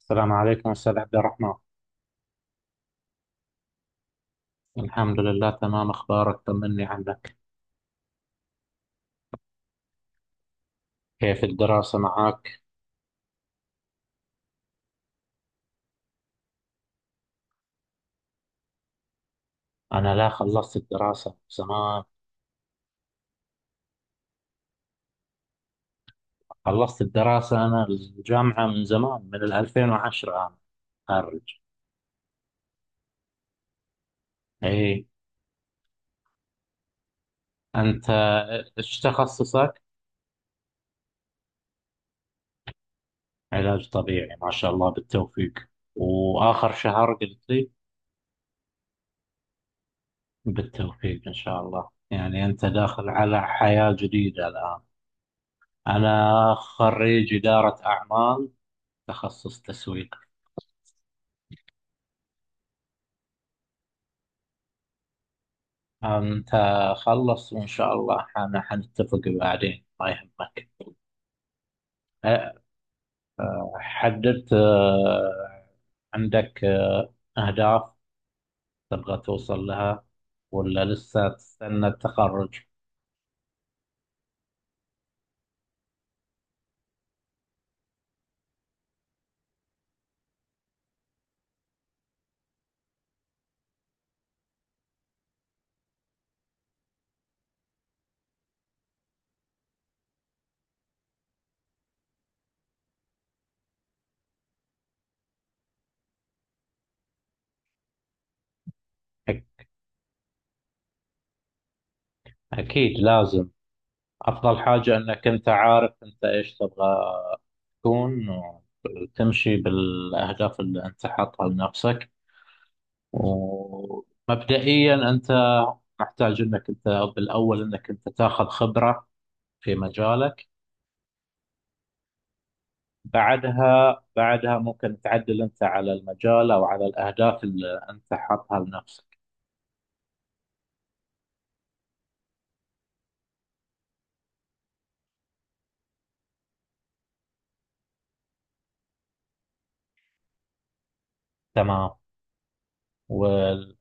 السلام عليكم أستاذ عبد الرحمن. الحمد لله تمام. أخبارك، طمني عنك. كيف الدراسة معك؟ أنا لا، خلصت الدراسة من زمان. خلصت الدراسة، أنا الجامعة من زمان، من 2010 أنا خارج. إيه. أنت إيش تخصصك؟ علاج طبيعي، ما شاء الله، بالتوفيق. وآخر شهر قلت لي. بالتوفيق إن شاء الله. يعني أنت داخل على حياة جديدة الآن. أنا خريج إدارة أعمال، تخصص تسويق. أنت. خلص، وإن شاء الله حنتفق بعدين، ما يهمك. أه، حددت، عندك أهداف تبغى توصل لها، ولا لسه تستنى التخرج؟ أك- أكيد لازم. أفضل حاجة أنك أنت عارف أنت إيش تبغى تكون، وتمشي بالأهداف اللي أنت حاطها لنفسك. ومبدئيا أنت محتاج أنك أنت بالأول أنك أنت تاخذ خبرة في مجالك. بعدها ممكن تعدل انت على المجال او على الاهداف اللي انت حاطها لنفسك. تمام، وتفضل.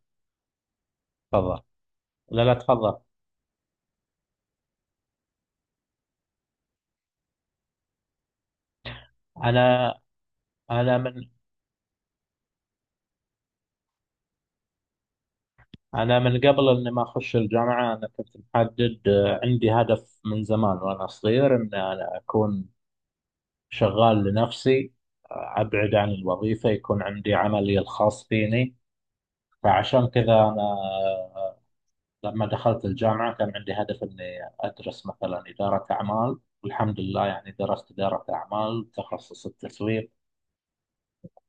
لا لا، تفضل. انا انا من انا من قبل اني ما اخش الجامعه، انا كنت محدد، عندي هدف من زمان وانا صغير، ان انا اكون شغال لنفسي. ابعد عن الوظيفه، يكون عندي عملي الخاص فيني. فعشان كذا انا لما دخلت الجامعة كان عندي هدف إني أدرس مثلا إدارة أعمال، والحمد لله يعني درست إدارة أعمال تخصص التسويق.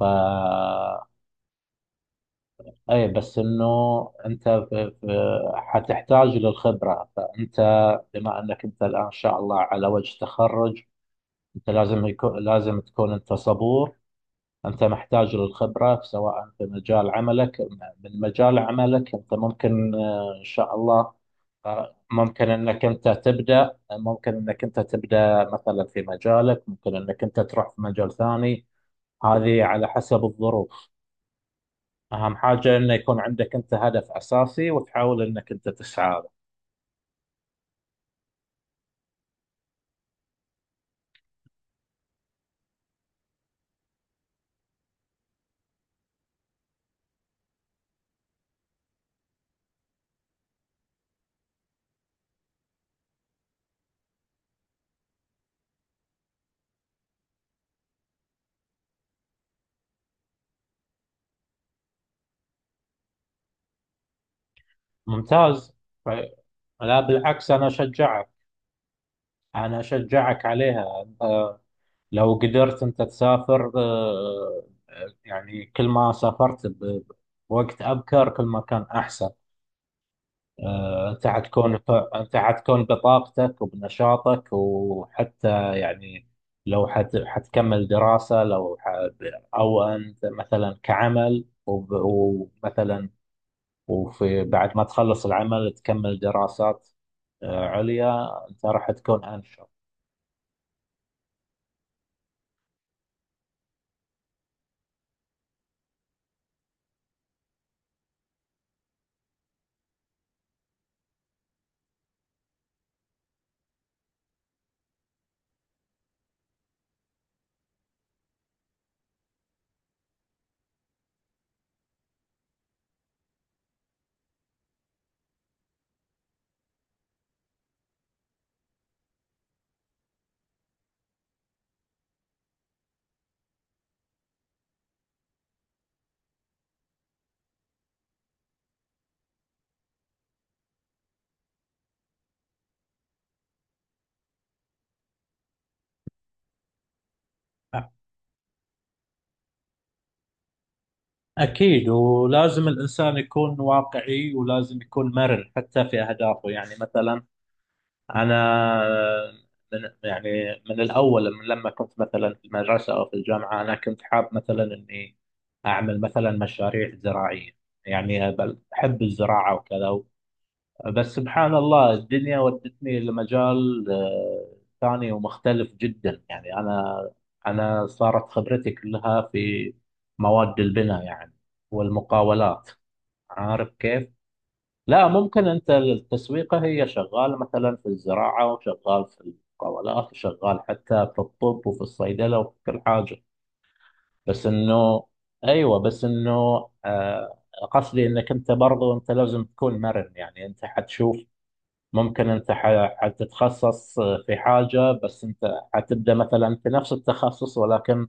ف، أي، بس إنه أنت في حتحتاج للخبرة. فأنت بما أنك أنت الآن إن شاء الله على وجه تخرج، أنت لازم تكون أنت صبور. أنت محتاج للخبرة سواء في مجال عملك. من مجال عملك أنت ممكن، إن شاء الله. ممكن أنك أنت تبدأ مثلا في مجالك، ممكن أنك أنت تروح في مجال ثاني. هذه على حسب الظروف. أهم حاجة أنه يكون عندك أنت هدف أساسي وتحاول أنك أنت تسعى له. ممتاز. ف- لا بالعكس، أنا أشجعك. أنا أشجعك عليها. آه، لو قدرت أنت تسافر، يعني كل ما سافرت بوقت أبكر، كل ما كان أحسن. أنت حتكون، أنت حتكون بطاقتك وبنشاطك، وحتى يعني لو حتكمل دراسة، لو أو أنت مثلا كعمل، ومثلا وفي بعد ما تخلص العمل تكمل دراسات عليا أنت راح تكون أنشط. أكيد، ولازم الإنسان يكون واقعي، ولازم يكون مرن حتى في أهدافه. يعني مثلا أنا، من، يعني من الأول، من لما كنت مثلا في المدرسة أو في الجامعة، أنا كنت حاب مثلا إني أعمل مثلا مشاريع زراعية. يعني أحب الزراعة وكذا. بس سبحان الله الدنيا ودتني لمجال ثاني ومختلف جدا. يعني أنا صارت خبرتي كلها في مواد البناء يعني، والمقاولات. عارف كيف؟ لا، ممكن أنت التسويقة هي شغال مثلا في الزراعة، وشغال في المقاولات، وشغال حتى في الطب، وفي الصيدلة، وفي كل حاجة. بس إنه، أيوة بس إنه، آه، قصدي إنك أنت، برضو أنت لازم تكون مرن. يعني أنت حتشوف، ممكن انت حتتخصص في حاجة، بس انت حتبدأ مثلا في نفس التخصص، ولكن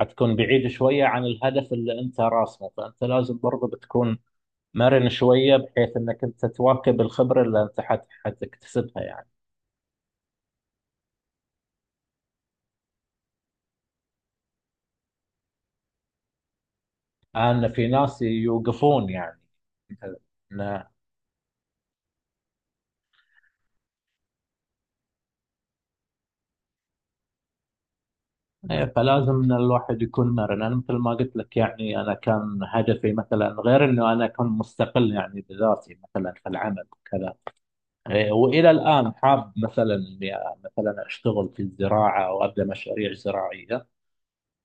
حتكون بعيد شوية عن الهدف اللي انت راسمه. فانت لازم برضه بتكون مرن شوية، بحيث انك انت تواكب الخبرة اللي انت حتكتسبها يعني. انا في ناس يوقفون يعني، إن- إيه، فلازم ان الواحد يكون مرن. انا مثل ما قلت لك، يعني انا كان هدفي، مثلا غير انه انا اكون مستقل يعني بذاتي، مثلا في العمل وكذا. إيه، والى الان حاب مثلا اني مثلا اشتغل في الزراعه او ابدا مشاريع زراعيه.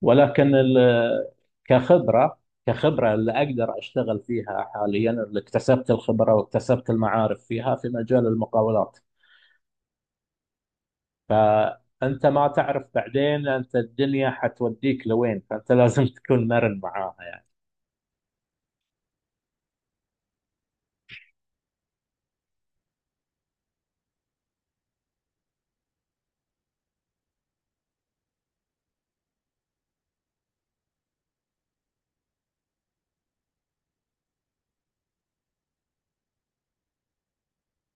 ولكن كخبره كخبره اللي اقدر اشتغل فيها حاليا، اللي اكتسبت الخبره واكتسبت المعارف فيها في مجال المقاولات. فانت ما تعرف بعدين انت الدنيا حتوديك لوين، فانت لازم تكون مرن معاها يعني.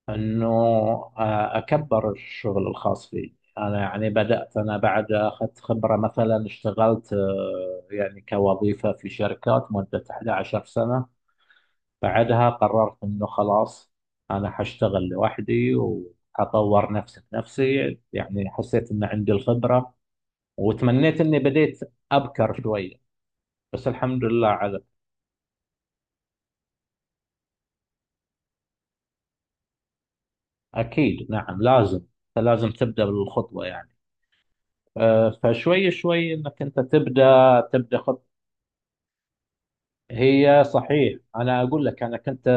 انه اكبر الشغل الخاص فيه انا، يعني بدات انا بعد اخذت خبره، مثلا اشتغلت يعني كوظيفه في شركات مده 11 سنه. بعدها قررت انه خلاص انا حاشتغل لوحدي، وحطور نفسي بنفسي. يعني حسيت ان عندي الخبره، وتمنيت اني بديت ابكر شويه. بس الحمد لله على. اكيد، نعم لازم. لازم تبدا بالخطوه يعني، فشوي شوي انك انت تبدا، خط. هي صحيح، انا اقول لك، انا كنت،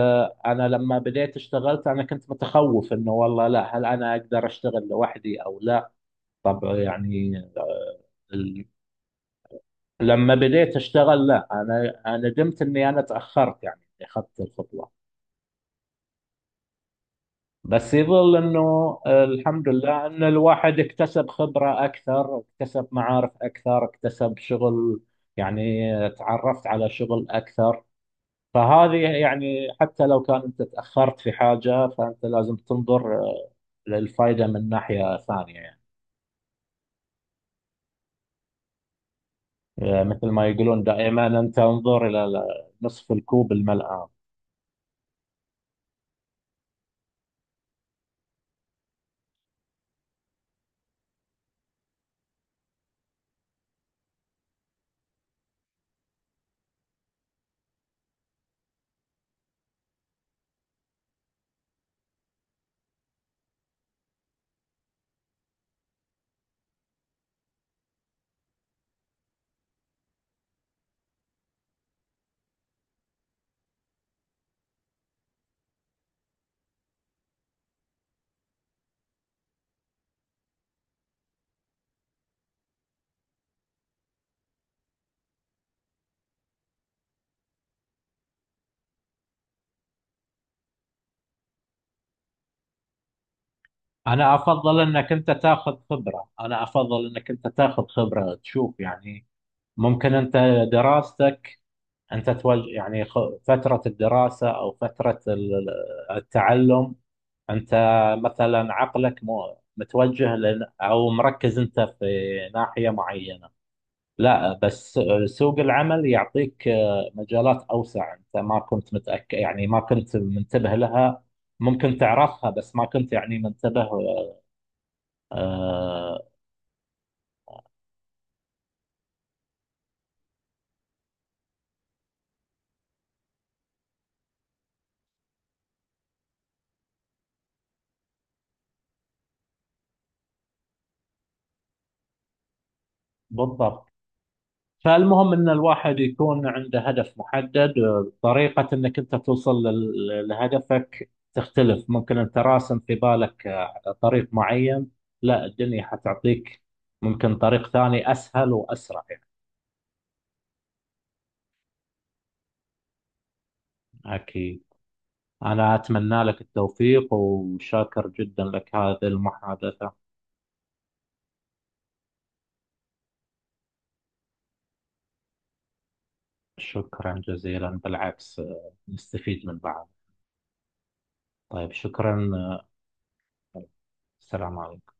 انا لما بديت اشتغلت انا كنت متخوف، انه والله لا، هل انا اقدر اشتغل لوحدي او لا. طب يعني ال- لما بديت اشتغل، لا انا ندمت اني انا تاخرت، يعني إني اخذت الخطوه. بس يظل انه، الحمد لله ان الواحد اكتسب خبره اكثر، اكتسب معارف اكثر، اكتسب شغل. يعني تعرفت على شغل اكثر. فهذه يعني، حتى لو كان انت تاخرت في حاجه، فانت لازم تنظر للفائده من ناحيه ثانيه يعني. مثل ما يقولون دائما، انت انظر الى نصف الكوب الملآن. انا افضل انك انت تاخذ خبره، انا افضل انك انت تاخذ خبره تشوف يعني. ممكن انت دراستك، انت توجه يعني، فتره الدراسه او فتره التعلم، انت مثلا عقلك مو متوجه لن او مركز، انت في ناحية معينة. لا، بس سوق العمل يعطيك مجالات اوسع، انت ما كنت متأكد، يعني ما كنت منتبه لها. ممكن تعرفها بس ما كنت يعني منتبه، آه، بالضبط. فالمهم ان الواحد يكون عنده هدف محدد. طريقة انك انت توصل لهدفك تختلف، ممكن انت راسم في بالك طريق معين. لا، الدنيا حتعطيك ممكن طريق ثاني اسهل واسرع يعني. اكيد. انا اتمنى لك التوفيق، وشاكر جدا لك هذه المحادثة. شكرا جزيلا. بالعكس نستفيد من بعض. طيب شكرا. آه، السلام عليكم.